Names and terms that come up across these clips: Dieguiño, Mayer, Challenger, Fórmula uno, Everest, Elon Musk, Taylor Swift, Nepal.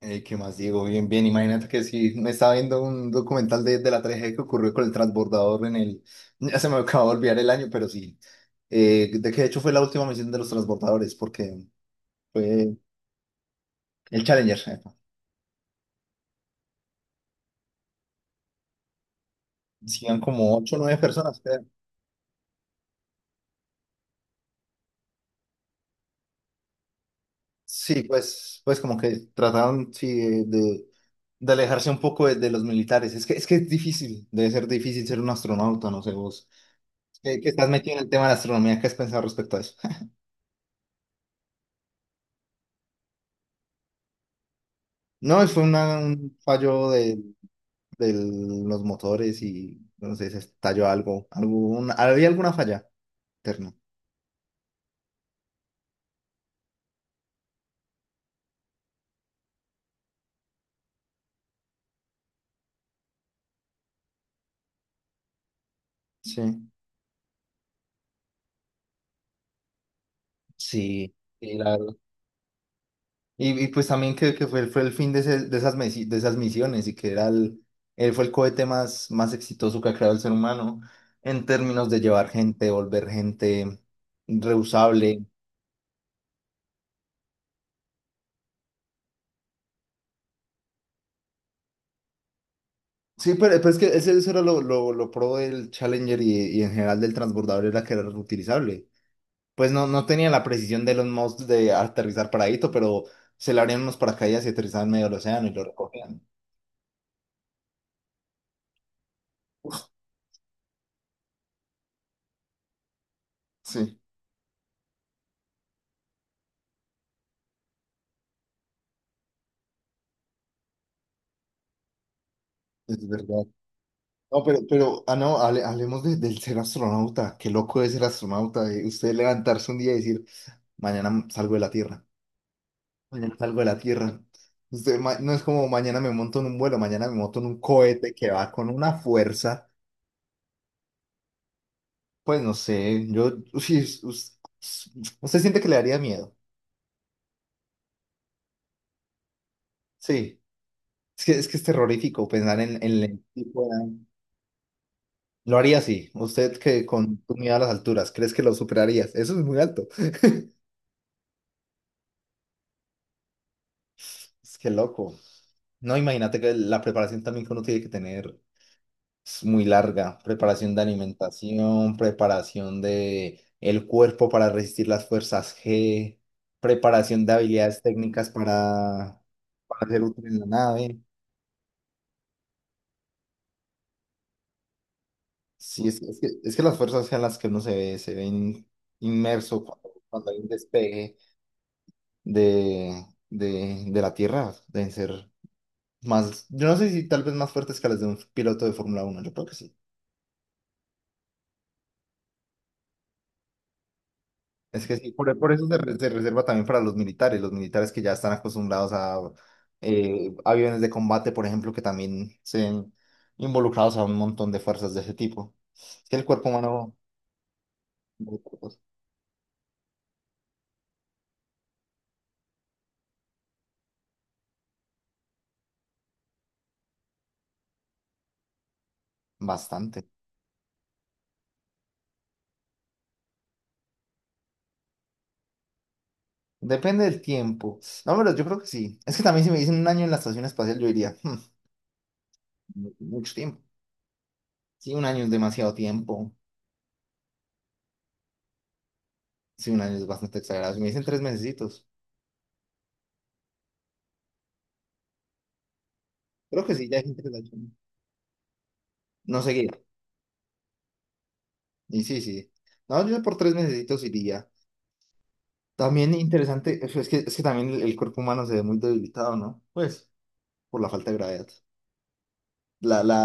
¿Qué más digo? Bien, bien. Imagínate que sí me estaba viendo un documental de la tragedia que ocurrió con el transbordador en el... Ya se me acaba de olvidar el año, pero sí. De que de hecho fue la última misión de los transbordadores, porque fue el Challenger. Sí, eran como ocho o nueve personas, creo. Sí, pues como que trataron sí, de alejarse un poco de los militares. Es que es difícil, debe ser difícil ser un astronauta, no sé vos. Que estás metido en el tema de la astronomía, ¿qué has pensado respecto a eso? No, fue un fallo de los motores y no sé, se estalló algo, había alguna falla interna. Sí, sí, sí, la verdad. Y pues también que fue el fin de esas misiones y que era el, él fue el cohete más exitoso que ha creado el ser humano en términos de llevar gente, volver gente reusable. Sí, pero es que eso era lo pro del Challenger y en general del transbordador era que era reutilizable. Pues no tenía la precisión de Elon Musk de aterrizar paradito, pero se le abrían unos paracaídas y aterrizaban en medio del océano y lo recogían. Sí, es verdad. No, ah, no, hablemos del ser astronauta. Qué loco es ser astronauta. De usted levantarse un día y decir, mañana salgo de la Tierra. Mañana salgo de la Tierra. Usted, no es como mañana me monto en un vuelo, mañana me monto en un cohete que va con una fuerza. Pues no sé, yo, sí, us- usted siente que le daría miedo. Sí. Es que es terrorífico pensar en el tipo de... Lo haría así. Usted que con tu miedo a las alturas, ¿crees que lo superarías? Eso es muy alto. Es que loco. No, imagínate que la preparación también que uno tiene que tener es muy larga. Preparación de alimentación, preparación de el cuerpo para resistir las fuerzas G, preparación de habilidades técnicas para ser útil en la nave. Sí, es que las fuerzas G a las que uno se ve, se ven inmerso cuando, cuando hay un despegue de la Tierra deben ser más, yo no sé si tal vez más fuertes que las de un piloto de Fórmula 1, yo creo que sí. Es que sí, por eso se reserva también para los militares que ya están acostumbrados a aviones de combate, por ejemplo, que también se ven involucrados a un montón de fuerzas de ese tipo. Es que el cuerpo humano, bastante. Depende del tiempo. No, pero yo creo que sí. Es que también si me dicen un año en la estación espacial, yo diría, "Hmm, mucho tiempo". Sí, un año es demasiado tiempo. Sí, un año es bastante exagerado. Si me dicen 3 mesecitos, creo que sí, ya dije 3 años. No seguir. Y sí, sí. No, yo por 3 mesecitos iría. También interesante, es que también el cuerpo humano se ve muy debilitado, ¿no? Pues, por la falta de gravedad. La, la,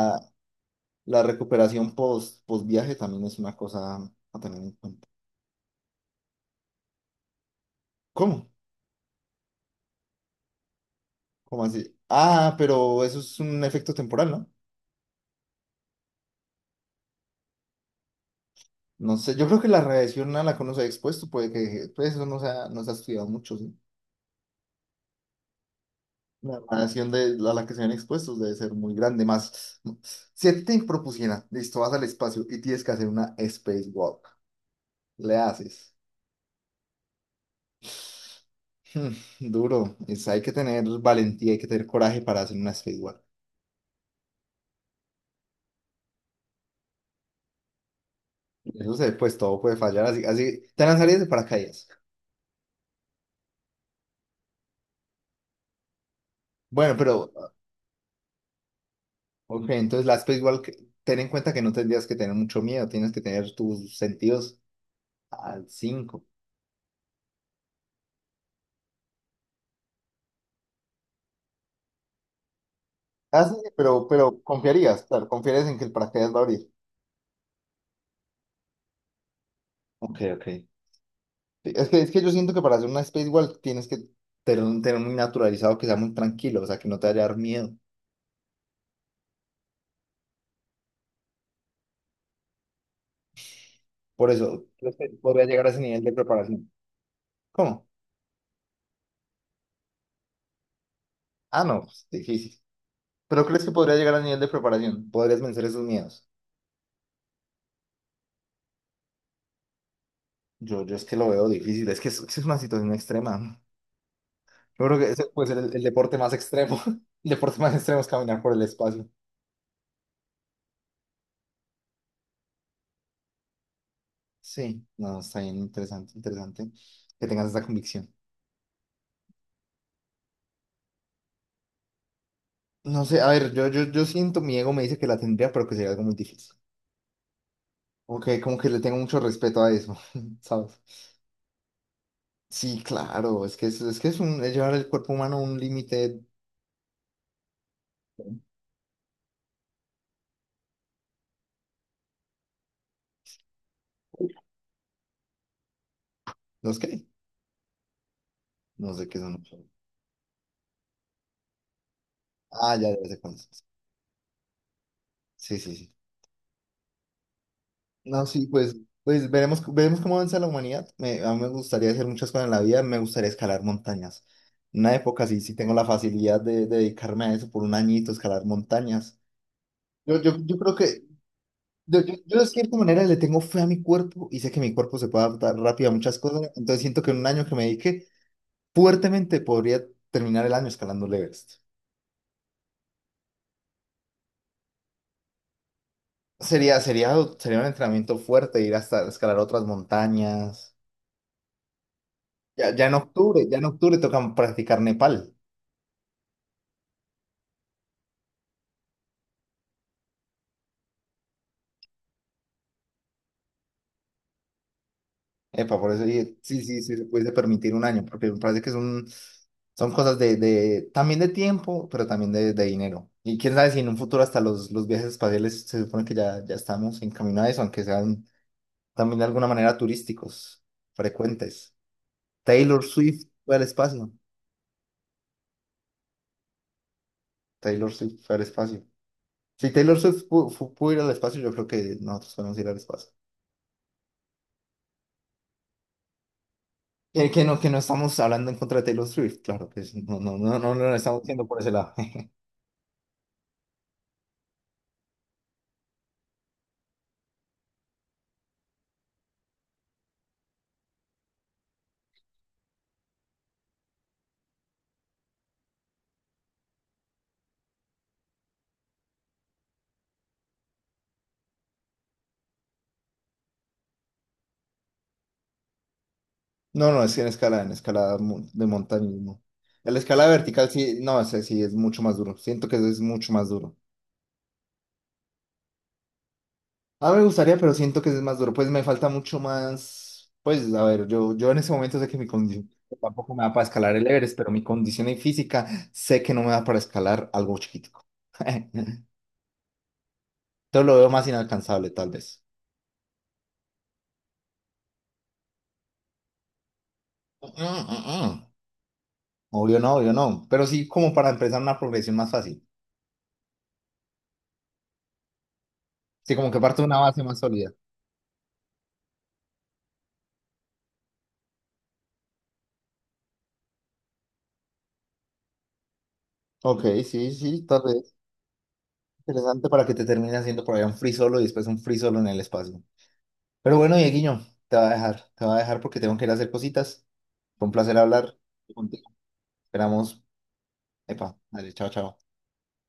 la recuperación post viaje también es una cosa a tener en cuenta. ¿Cómo? ¿Cómo así? Ah, pero eso es un efecto temporal, ¿no? No sé, yo creo que la radiación a la que uno se ha expuesto puede que, pues eso no se ha estudiado mucho, ¿sí? La radiación a la que se ven expuestos debe ser muy grande. Más, si a ti te propusieran, listo, vas al espacio y tienes que hacer una spacewalk, le haces. Hmm, duro. Hay que tener valentía, hay que tener coraje para hacer una spacewalk. Eso se, pues todo puede fallar, así te lanzarías de paracaídas. Bueno, pero, ok, entonces la spacewalk, ten en cuenta que no tendrías que tener mucho miedo, tienes que tener tus sentidos al 5. Ah, sí, sí, pero confiarías, claro, confiarías en que el paracaídas va a abrir. Ok, ok. Sí, es que yo siento que para hacer una space walk tienes que tener, tener muy naturalizado que sea muy tranquilo, o sea, que no te vaya a dar miedo. Por eso, ¿crees que podría llegar a ese nivel de preparación? ¿Cómo? Ah, no, pues, difícil. ¿Pero crees que podría llegar al nivel de preparación? ¿Podrías vencer esos miedos? Yo es que lo veo difícil, es que es una situación extrema. Yo creo que ese puede ser el deporte más extremo. El deporte más extremo es caminar por el espacio. Sí, no, está bien, interesante, interesante que tengas esa convicción. No sé, a ver, yo siento, mi ego me dice que la tendría, pero que sería algo muy difícil. Ok, como que le tengo mucho respeto a eso, ¿sabes? Sí, claro, es que es un es llevar el cuerpo humano a un límite, no es qué, no sé qué son. Ah, ya, ya sé cuáles son. Sí, sí, sí. No, sí, pues, pues veremos, veremos cómo avanza la humanidad. Me, a mí me gustaría hacer muchas cosas en la vida, me gustaría escalar montañas. En una época sí, sí tengo la facilidad de dedicarme a eso por un añito, escalar montañas. Yo creo que yo de cierta manera le tengo fe a mi cuerpo y sé que mi cuerpo se puede adaptar rápido a muchas cosas, entonces siento que en un año que me dedique fuertemente podría terminar el año escalando el Everest. Sería un entrenamiento fuerte ir hasta escalar otras montañas. Ya en octubre toca practicar Nepal. Epa, por eso dije, sí, sí, sí, se puede permitir un año, porque me parece que es son cosas de también de tiempo, pero también de dinero. Y quién sabe si en un futuro hasta los viajes espaciales se supone que ya, ya estamos en camino a eso, aunque sean también de alguna manera turísticos, frecuentes. Taylor Swift fue al espacio. Taylor Swift fue al espacio. Si Taylor Swift pudo ir al espacio, yo creo que nosotros podemos ir al espacio. Que no estamos hablando en contra de Taylor Swift, claro que no, no, no, no, no lo estamos diciendo por ese lado. No, no, es que en escala de montañismo. En la escala vertical sí, no, ese sí es mucho más duro. Siento que es mucho más duro. Ah, me gustaría, pero siento que es más duro. Pues me falta mucho más. Pues a ver, yo en ese momento sé que mi condición tampoco me da para escalar el Everest, pero mi condición en física sé que no me da para escalar algo chiquitico. Entonces lo veo más inalcanzable, tal vez. Mm, mm, mm. Obvio no, obvio no. Pero sí como para empezar una progresión más fácil. Sí, como que parte de una base más sólida. Ok, sí, sí, tal vez. Interesante para que te termine haciendo por allá un free solo y después un free solo en el espacio. Pero bueno, Dieguiño, te va a dejar porque tengo que ir a hacer cositas. Fue un placer hablar contigo. Esperamos. Epa, dale, chao, chao.